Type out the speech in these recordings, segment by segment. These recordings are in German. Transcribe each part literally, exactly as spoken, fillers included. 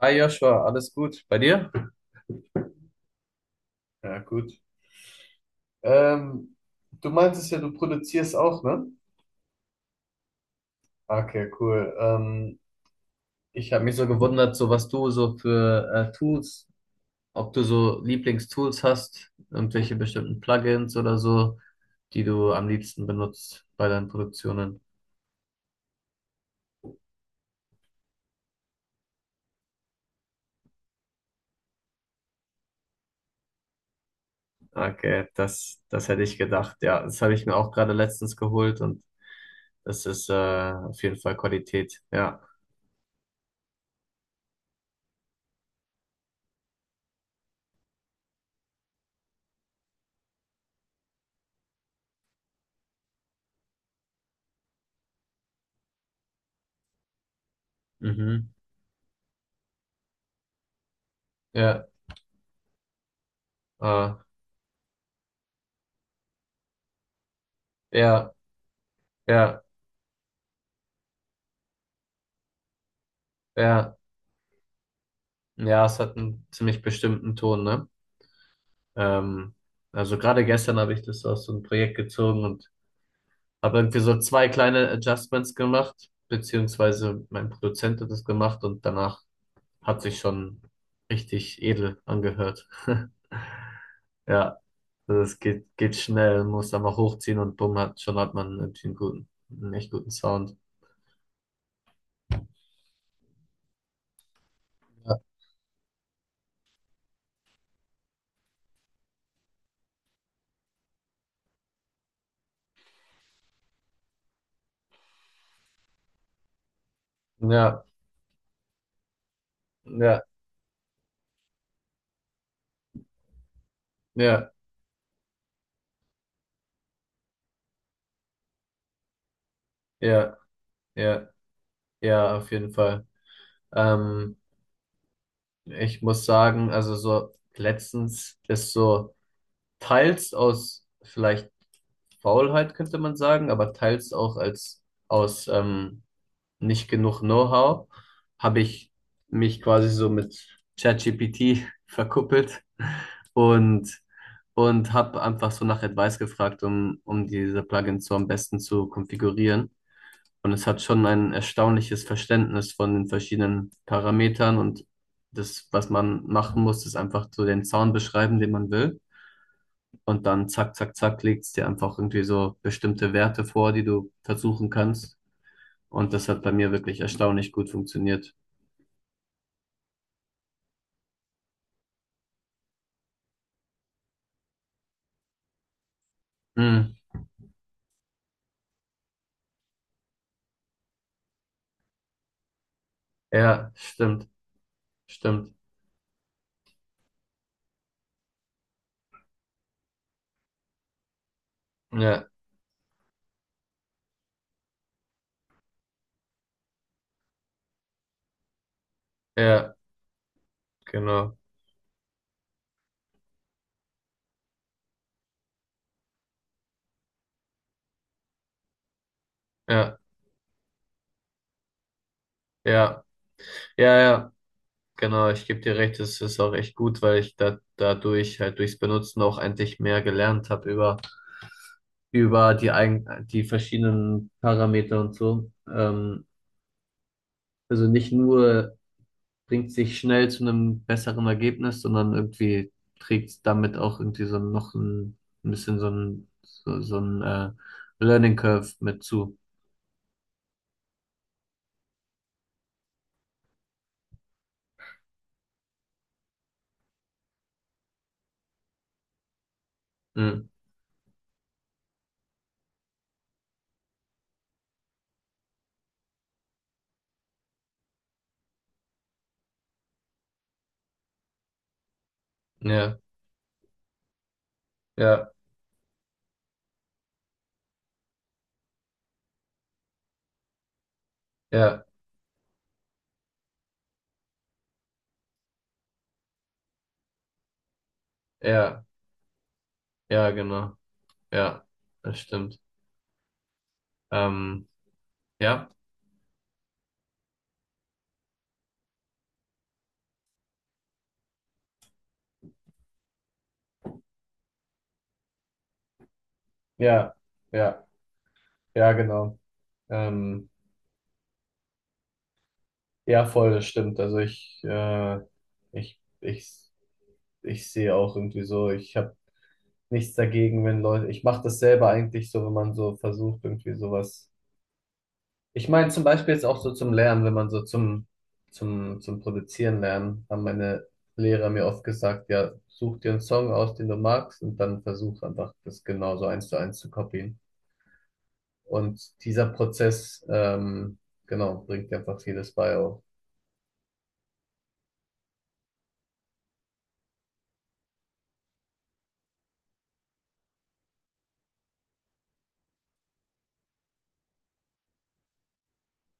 Hi Joshua, alles gut? Bei dir? Ja, gut. Ähm, du meintest ja, du produzierst auch, ne? Okay, cool. Ähm, ich habe habe, mich so gewundert, so was du so für äh, Tools, ob du so Lieblingstools hast, irgendwelche bestimmten Plugins oder so, die du am liebsten benutzt bei deinen Produktionen. Okay, das, das hätte ich gedacht. Ja, das habe ich mir auch gerade letztens geholt und das ist äh, auf jeden Fall Qualität. Ja. Mhm. Ja. Äh, ja. Ja. Ja, ja, es hat einen ziemlich bestimmten Ton, ne? Ähm, also gerade gestern habe ich das aus so einem Projekt gezogen und habe irgendwie so zwei kleine Adjustments gemacht, beziehungsweise mein Produzent hat das gemacht und danach hat sich schon richtig edel angehört. Ja, also es geht, geht schnell, muss einfach hochziehen und bumm, hat, schon hat man irgendwie einen guten, einen echt guten Sound. Ja, ja, ja, ja, ja, ja, ja, auf jeden Fall. Ähm, Ich muss sagen, also so letztens ist so teils aus vielleicht Faulheit, könnte man sagen, aber teils auch als aus ähm, nicht genug Know-how habe ich mich quasi so mit ChatGPT verkuppelt und, und habe einfach so nach Advice gefragt, um, um diese Plugins so am besten zu konfigurieren. Und es hat schon ein erstaunliches Verständnis von den verschiedenen Parametern und das, was man machen muss, ist einfach so den Sound beschreiben, den man will. Und dann zack, zack, zack, legt es dir einfach irgendwie so bestimmte Werte vor, die du versuchen kannst. Und das hat bei mir wirklich erstaunlich gut funktioniert. Hm, ja, stimmt, stimmt. Ja, ja, genau. Ja, ja, ja, ja, genau. Ich gebe dir recht, es ist auch echt gut, weil ich da, dadurch halt durchs Benutzen auch eigentlich mehr gelernt habe über über die, eigen, die verschiedenen Parameter und so. Ähm, also nicht nur bringt sich schnell zu einem besseren Ergebnis, sondern irgendwie trägt damit auch irgendwie so noch ein, ein bisschen so ein, so, so ein äh, Learning Curve mit zu. Mhm. Ja, ja, ja, ja, ja, genau. Ja, das stimmt. Ähm, ja, ja, ja, ja, genau. Ähm, ja, voll, das stimmt. Also ich, äh, ich, ich ich sehe auch irgendwie so, ich habe nichts dagegen, wenn Leute, ich mache das selber eigentlich so, wenn man so versucht, irgendwie sowas. Ich meine zum Beispiel jetzt auch so zum Lernen, wenn man so zum, zum, zum Produzieren lernen, haben meine Lehrer mir oft gesagt, ja, such dir einen Song aus, den du magst, und dann versuch einfach, das genauso eins zu eins zu kopieren. Und dieser Prozess, ähm, genau, bringt dir einfach vieles bei auch.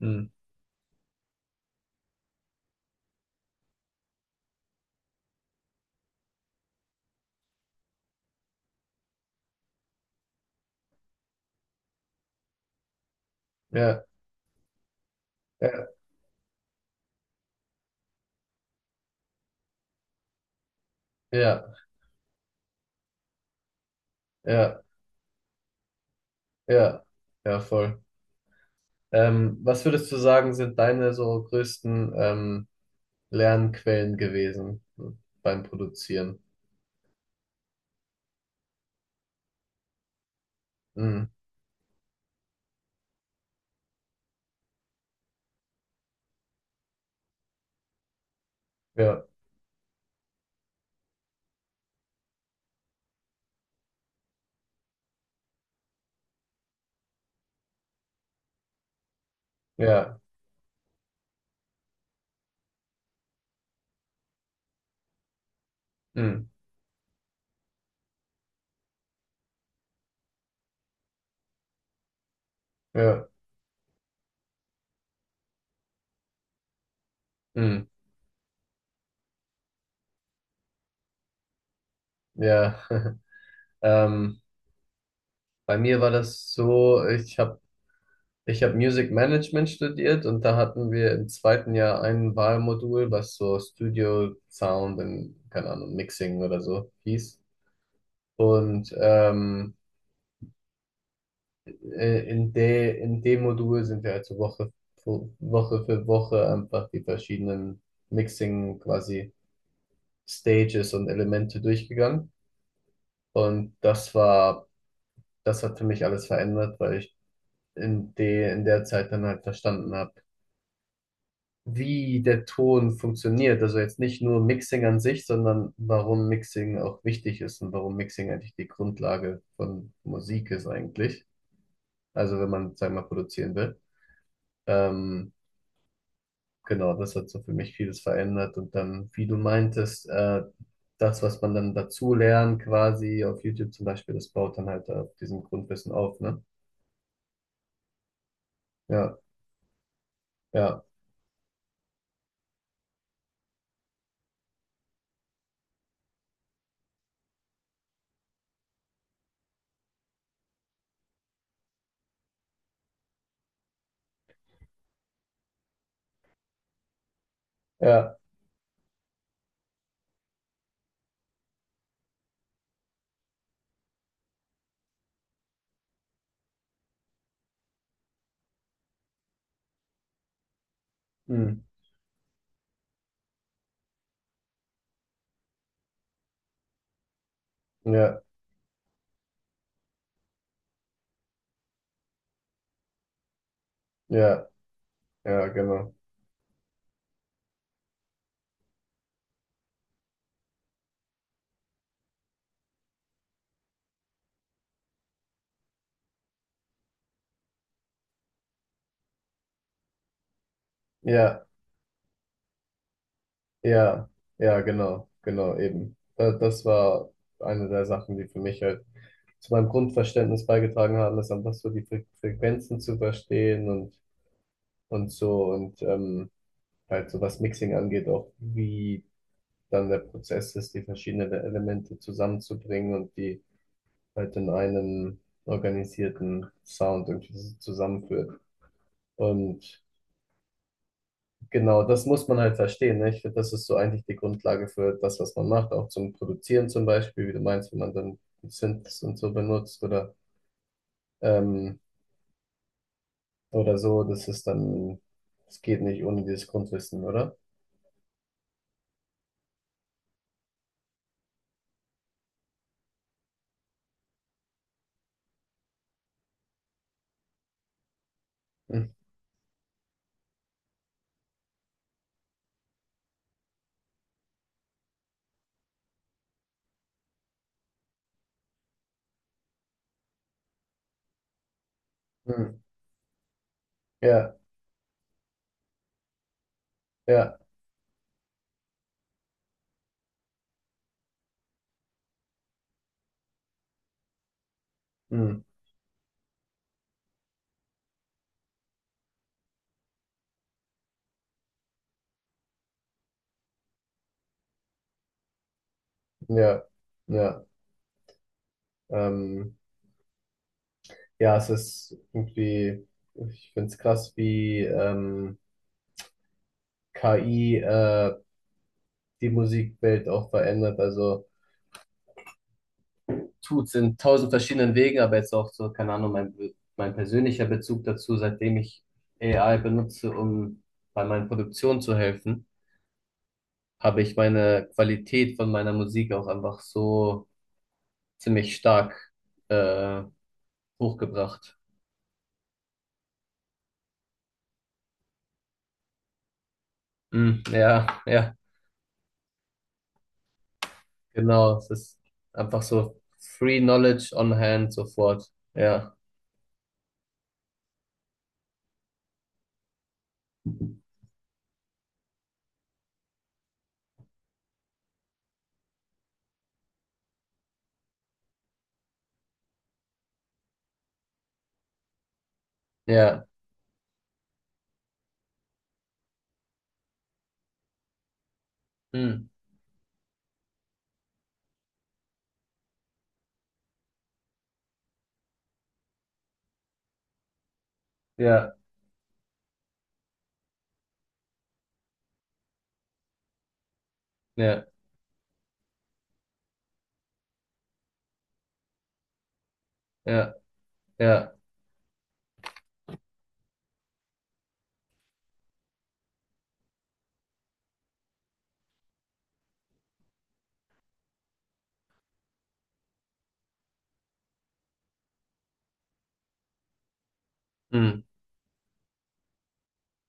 Hm. Ja, ja, ja, ja, ja, ja, voll. Ähm, was würdest du sagen, sind deine so größten ähm, Lernquellen gewesen beim Produzieren? Mhm. Ja, ja, mhm. Ja, mhm. Ja. Ähm, bei mir war das so, ich habe ich hab Music Management studiert und da hatten wir im zweiten Jahr ein Wahlmodul, was so Studio Sound und, keine Ahnung, Mixing oder so hieß. Und ähm, äh, in der, in dem Modul sind wir also Woche für Woche für Woche einfach die verschiedenen Mixing quasi Stages und Elemente durchgegangen. Und das war, das hat für mich alles verändert, weil ich in der, in der Zeit dann halt verstanden habe, wie der Ton funktioniert. Also jetzt nicht nur Mixing an sich, sondern warum Mixing auch wichtig ist und warum Mixing eigentlich die Grundlage von Musik ist eigentlich. Also wenn man, sagen wir mal, produzieren will. Ähm, Genau, das hat so für mich vieles verändert. Und dann, wie du meintest, äh, das, was man dann dazu lernt, quasi auf YouTube zum Beispiel, das baut dann halt auf diesem Grundwissen auf, ne? Ja, ja, ja, hm, ja, ja, ja, genau. Ja, ja, ja, genau, genau, eben. Das, das war eine der Sachen, die für mich halt zu meinem Grundverständnis beigetragen haben, ist einfach so die Fre Frequenzen zu verstehen und, und so und ähm, halt so was Mixing angeht, auch wie dann der Prozess ist, die verschiedenen Elemente zusammenzubringen und die halt in einen organisierten Sound irgendwie so zusammenführt. Und genau, das muss man halt verstehen. Ne? Ich finde, das ist so eigentlich die Grundlage für das, was man macht, auch zum Produzieren zum Beispiel, wie du meinst, wenn man dann Synths und so benutzt oder, ähm, oder so, das ist dann, es geht nicht ohne dieses Grundwissen, oder? Hm. Hm. Ja, ja. Hm, ja, ja, ähm, ja, es ist irgendwie, ich finde es krass, wie ähm, K I äh, die Musikwelt auch verändert. Also tut's in tausend verschiedenen Wegen, aber jetzt auch so, keine Ahnung, mein, mein persönlicher Bezug dazu, seitdem ich A I benutze, um bei meinen Produktionen zu helfen, habe ich meine Qualität von meiner Musik auch einfach so ziemlich stark äh, hochgebracht. Hm, ja, ja. Genau, es ist einfach so free knowledge on hand sofort. Ja, ja, hm, ja, ja, ja, ja, hm,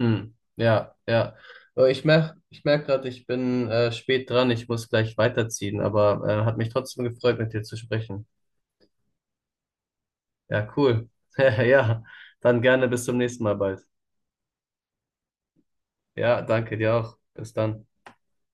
hm, ja, ja. Äh, Ich merk, ich merk gerade, ich bin äh, spät dran, ich muss gleich weiterziehen, aber äh, hat mich trotzdem gefreut, mit dir zu sprechen. Ja, cool. Ja, dann gerne bis zum nächsten Mal bald. Ja, danke dir auch. Bis dann.